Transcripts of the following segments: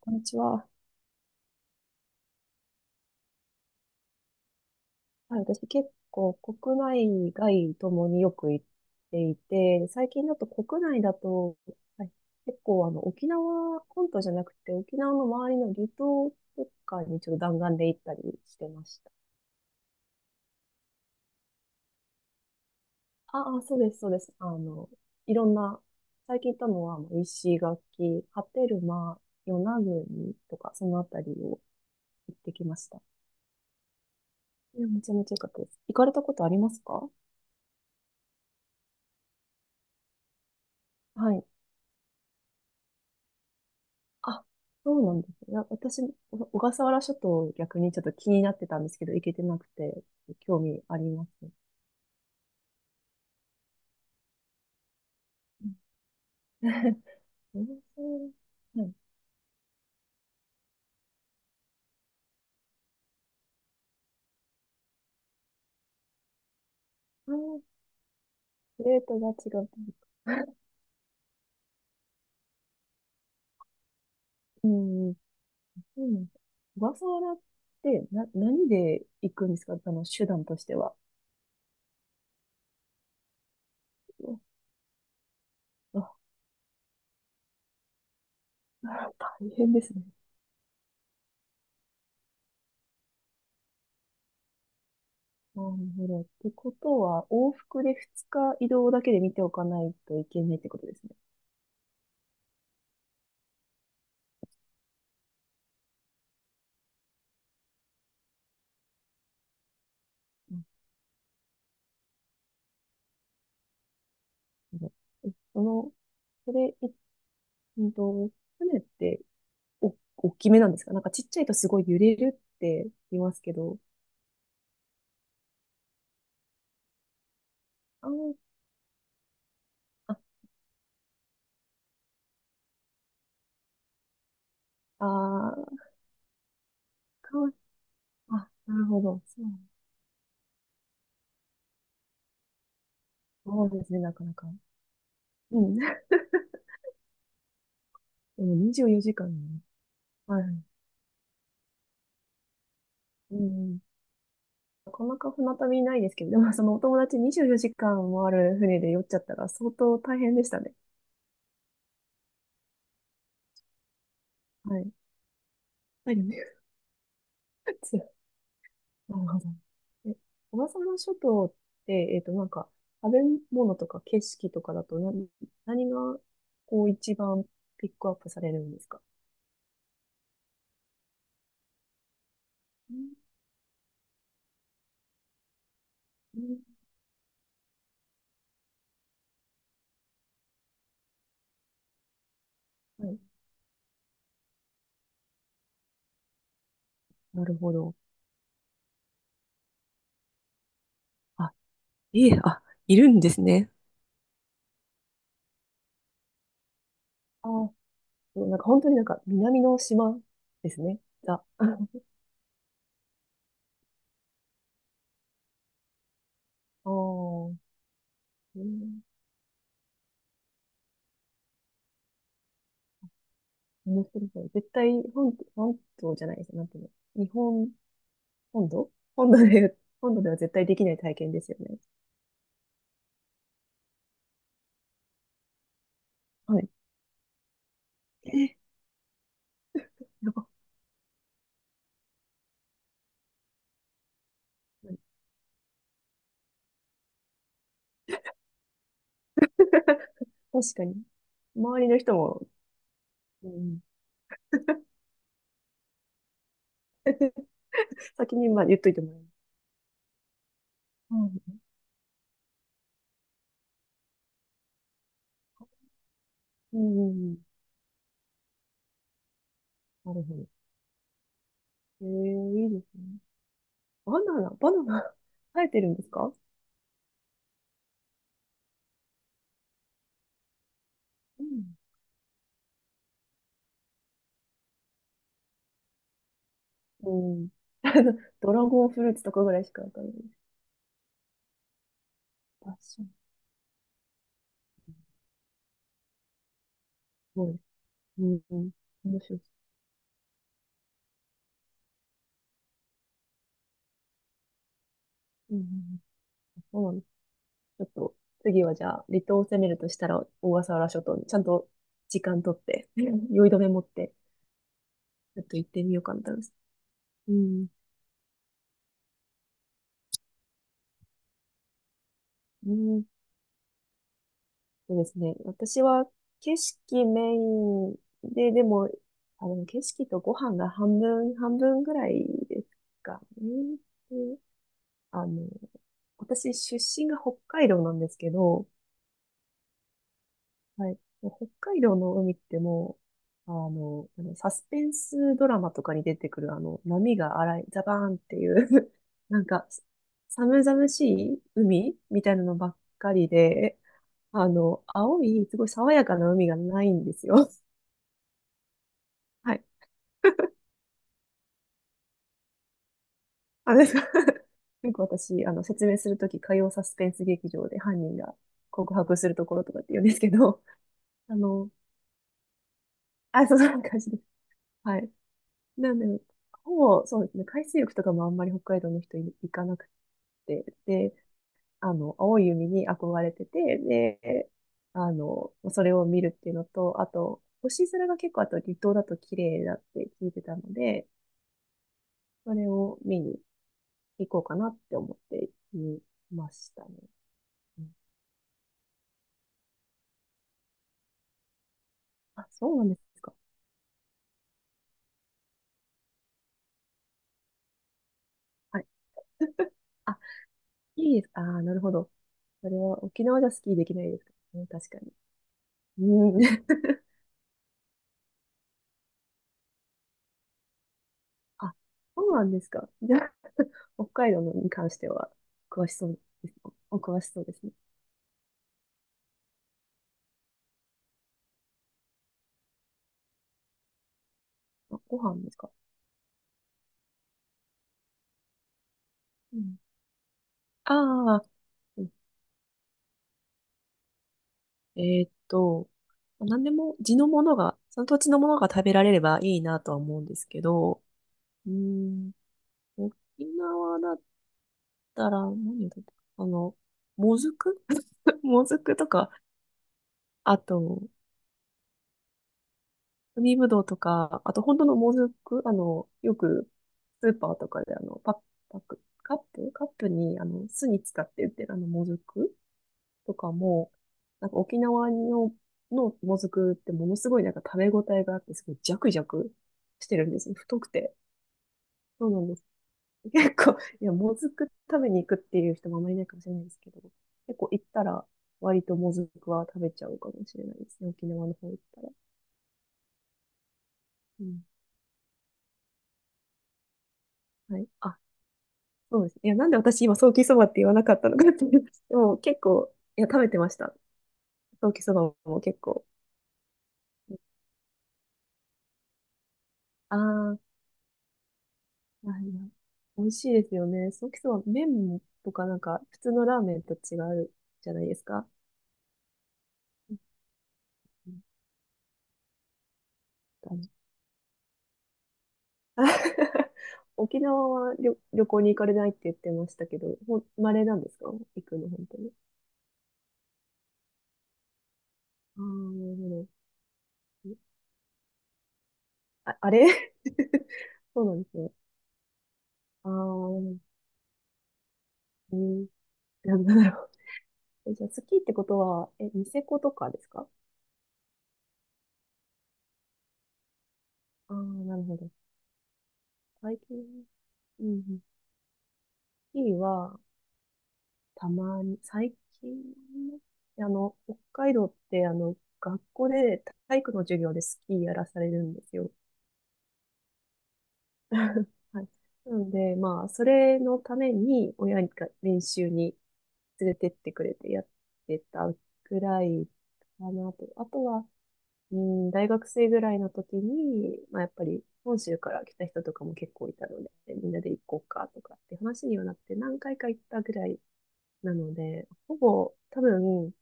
こんにちは。はい、私結構国内外ともによく行っていて、最近だと国内だと、はい、結構沖縄本島じゃなくて沖縄の周りの離島とかにちょっと弾丸で行ったりしてました。ああ、そうです、そうです。あの、いろんな、最近行ったのは石垣、波照間、与那国とかそのあたりを行ってきました。いや、めちゃめちゃ良かったです。行かれたことありますか？はい。あ、そうなんですね。いや、私、お小笠原諸島逆にちょっと気になってたんですけど、行けてなくて、興味あります。うん。 温はい。あー、プレートが違う。うん。そうなんです。小笠原ってな、何で行くんですか？手段としては。うわあ、大変ですね。なるほど。ってことは、往復で2日移動だけで見ておかないといけないってことですね。なるほど。え、それうんと、船って大きめなんですか？なんかちっちゃいとすごい揺れるって言いますけど。あー、あ、あー、かわいい。あ、なるほど。そう。そうですね、なかなか。うん。でも24時間ね。はい。うん。なかなか船旅ないですけど、でもそのお友達24時間もある船で酔っちゃったら相当大変でしたね。はい。大変です。なるほど。え、小笠原諸島って、食べ物とか景色とかだと何が、こう、一番ピックアップされるんですか？うんうん、はい。なるほど。あ、いえ、あ、いるんですね。あ、そう、なんか本当になんか南の島ですね。ザ。ああ、うん、面白い。絶対本島じゃないです。なんていうの。本土、本土で、本土では絶対できない体験ですよね。はい。え、やっ、うん。 確かに。周りの人も、うん、先にまあ言っといてもらえる。うん、うん、うんうん。なるほど。え、えいいですね。バナナ、バナナ、生えてるんですか？うん。うん。ドラゴンフルーツとかぐらいしかわかんないです。あ、そう。すごい。うん、うん。面白い。うんうんうん、そうなんです。ちょっと、次はじゃあ、離島を攻めるとしたら、小笠原諸島にちゃんと時間取って、うん、酔い止め持って、ちょっと行ってみようかなと思います。うん。うん、そうですね。私は景色メインで、でも、あ、の景色とご飯が半分、半分ぐらいですかね。で、あの、私出身が北海道なんですけど、はい。もう北海道の海ってもう、あの、あのサスペンスドラマとかに出てくるあの、波が荒い、ザバーンっていう、 なんか、寒々しい海みたいなのばっかりで、あの、青い、すごい爽やかな海がないんですよ。はい。あですか？ よく私、説明するとき、火曜サスペンス劇場で犯人が告白するところとかって言うんですけど、あの、あ、そう、そんな感じです。はい。なんで、ほぼ、そうですね、海水浴とかもあんまり北海道の人行かなくて、で、あの、青い海に憧れてて、で、あの、それを見るっていうのと、あと、星空が結構、あと離島だと綺麗だって聞いてたので、それを見に行こうかなって思っていましたね。うん、あ、そうなんですか。はい。あ、いいです。ああ、なるほど。それは沖縄じゃスキーできないですからね。確かに。うん。あ、そうなんですか。じゃあ、北海道のに関しては、詳しそうですね。お詳しそうですね。あ、ご飯ですか。うん。ああ、うん、えーっと、何でも地のものが、その土地のものが食べられればいいなとは思うんですけど、うん、沖縄だたら、何だった、あの、もずく、 もずくとか、あと、海ぶどうとか、あと本当のもずく、よくスーパーとかでパック、カップに、あの、酢に使って売ってるあの、もずくとかも、なんか沖縄の、のもずくってものすごいなんか食べ応えがあって、すごいジャクジャクしてるんですよ。太くて。そうなんです。結構、いや、もずく食べに行くっていう人もあまりいないかもしれないですけど、結構行ったら、割ともずくは食べちゃうかもしれないですね。沖縄の方行ったら。うん。はい。あ、そうですね。いや、なんで私今、ソーキそばって言わなかったのかっていう。でも結構、いや、食べてました。ソーキそばも結構。ああ、はいはい。美味しいですよね。ソーキそば、麺とかなんか、普通のラーメンと違うじゃないですか。うん。 沖縄は旅行に行かれないって言ってましたけど、ほん、稀なんですか？行くの、本当に。ああ、なるほど。あ、あれ、 そうなんですね。ああ、うん、なんだろう。え、じゃあ、スキーってことは、え、ニセコとかですか？ああー、なるほど。最近、うんうん、スキーは、たまに、最近、北海道って、学校で体育の授業でスキーやらされるんですよ。はい。なので、まあ、それのために親が練習に連れてってくれてやってたぐらいかなと。あとは、うん、大学生ぐらいの時に、まあ、やっぱり本州から来た人とかも結構いたので、みんなで行こうかとかって話にはなって何回か行ったぐらいなので、ほぼ多分、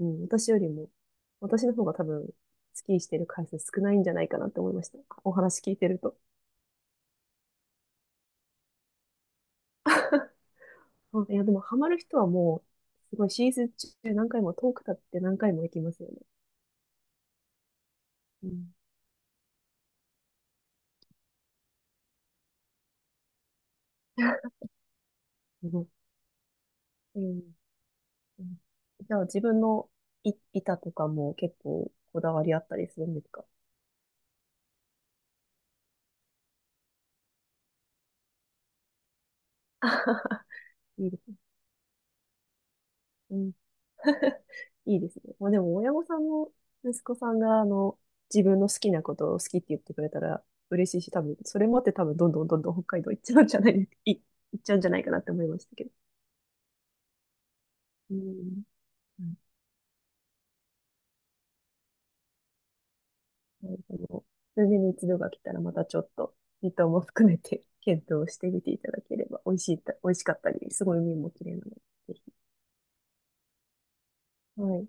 うん、私よりも、私の方が多分、スキーしてる回数少ないんじゃないかなって思いました。お話聞いてると。そういや、でもハマる人はもう、すごいシーズン中何回も遠く経って何回も行きますよね。うん。すごい。うん。うん、じゃあ自分のい板とかも結構こだわりあったりするんですか？ いいですね。うん。いいですね。まあでも親御さんも息子さんが自分の好きなことを好きって言ってくれたら嬉しいし、多分、それもあって多分どんどん北海道行っちゃうんじゃないかなって思いましたけど。うん。なるほど。数年に一度が来たらまたちょっと時短も含めて検討してみていただければ、美味しかったり、すごい海も綺麗なので、ぜひ。はい。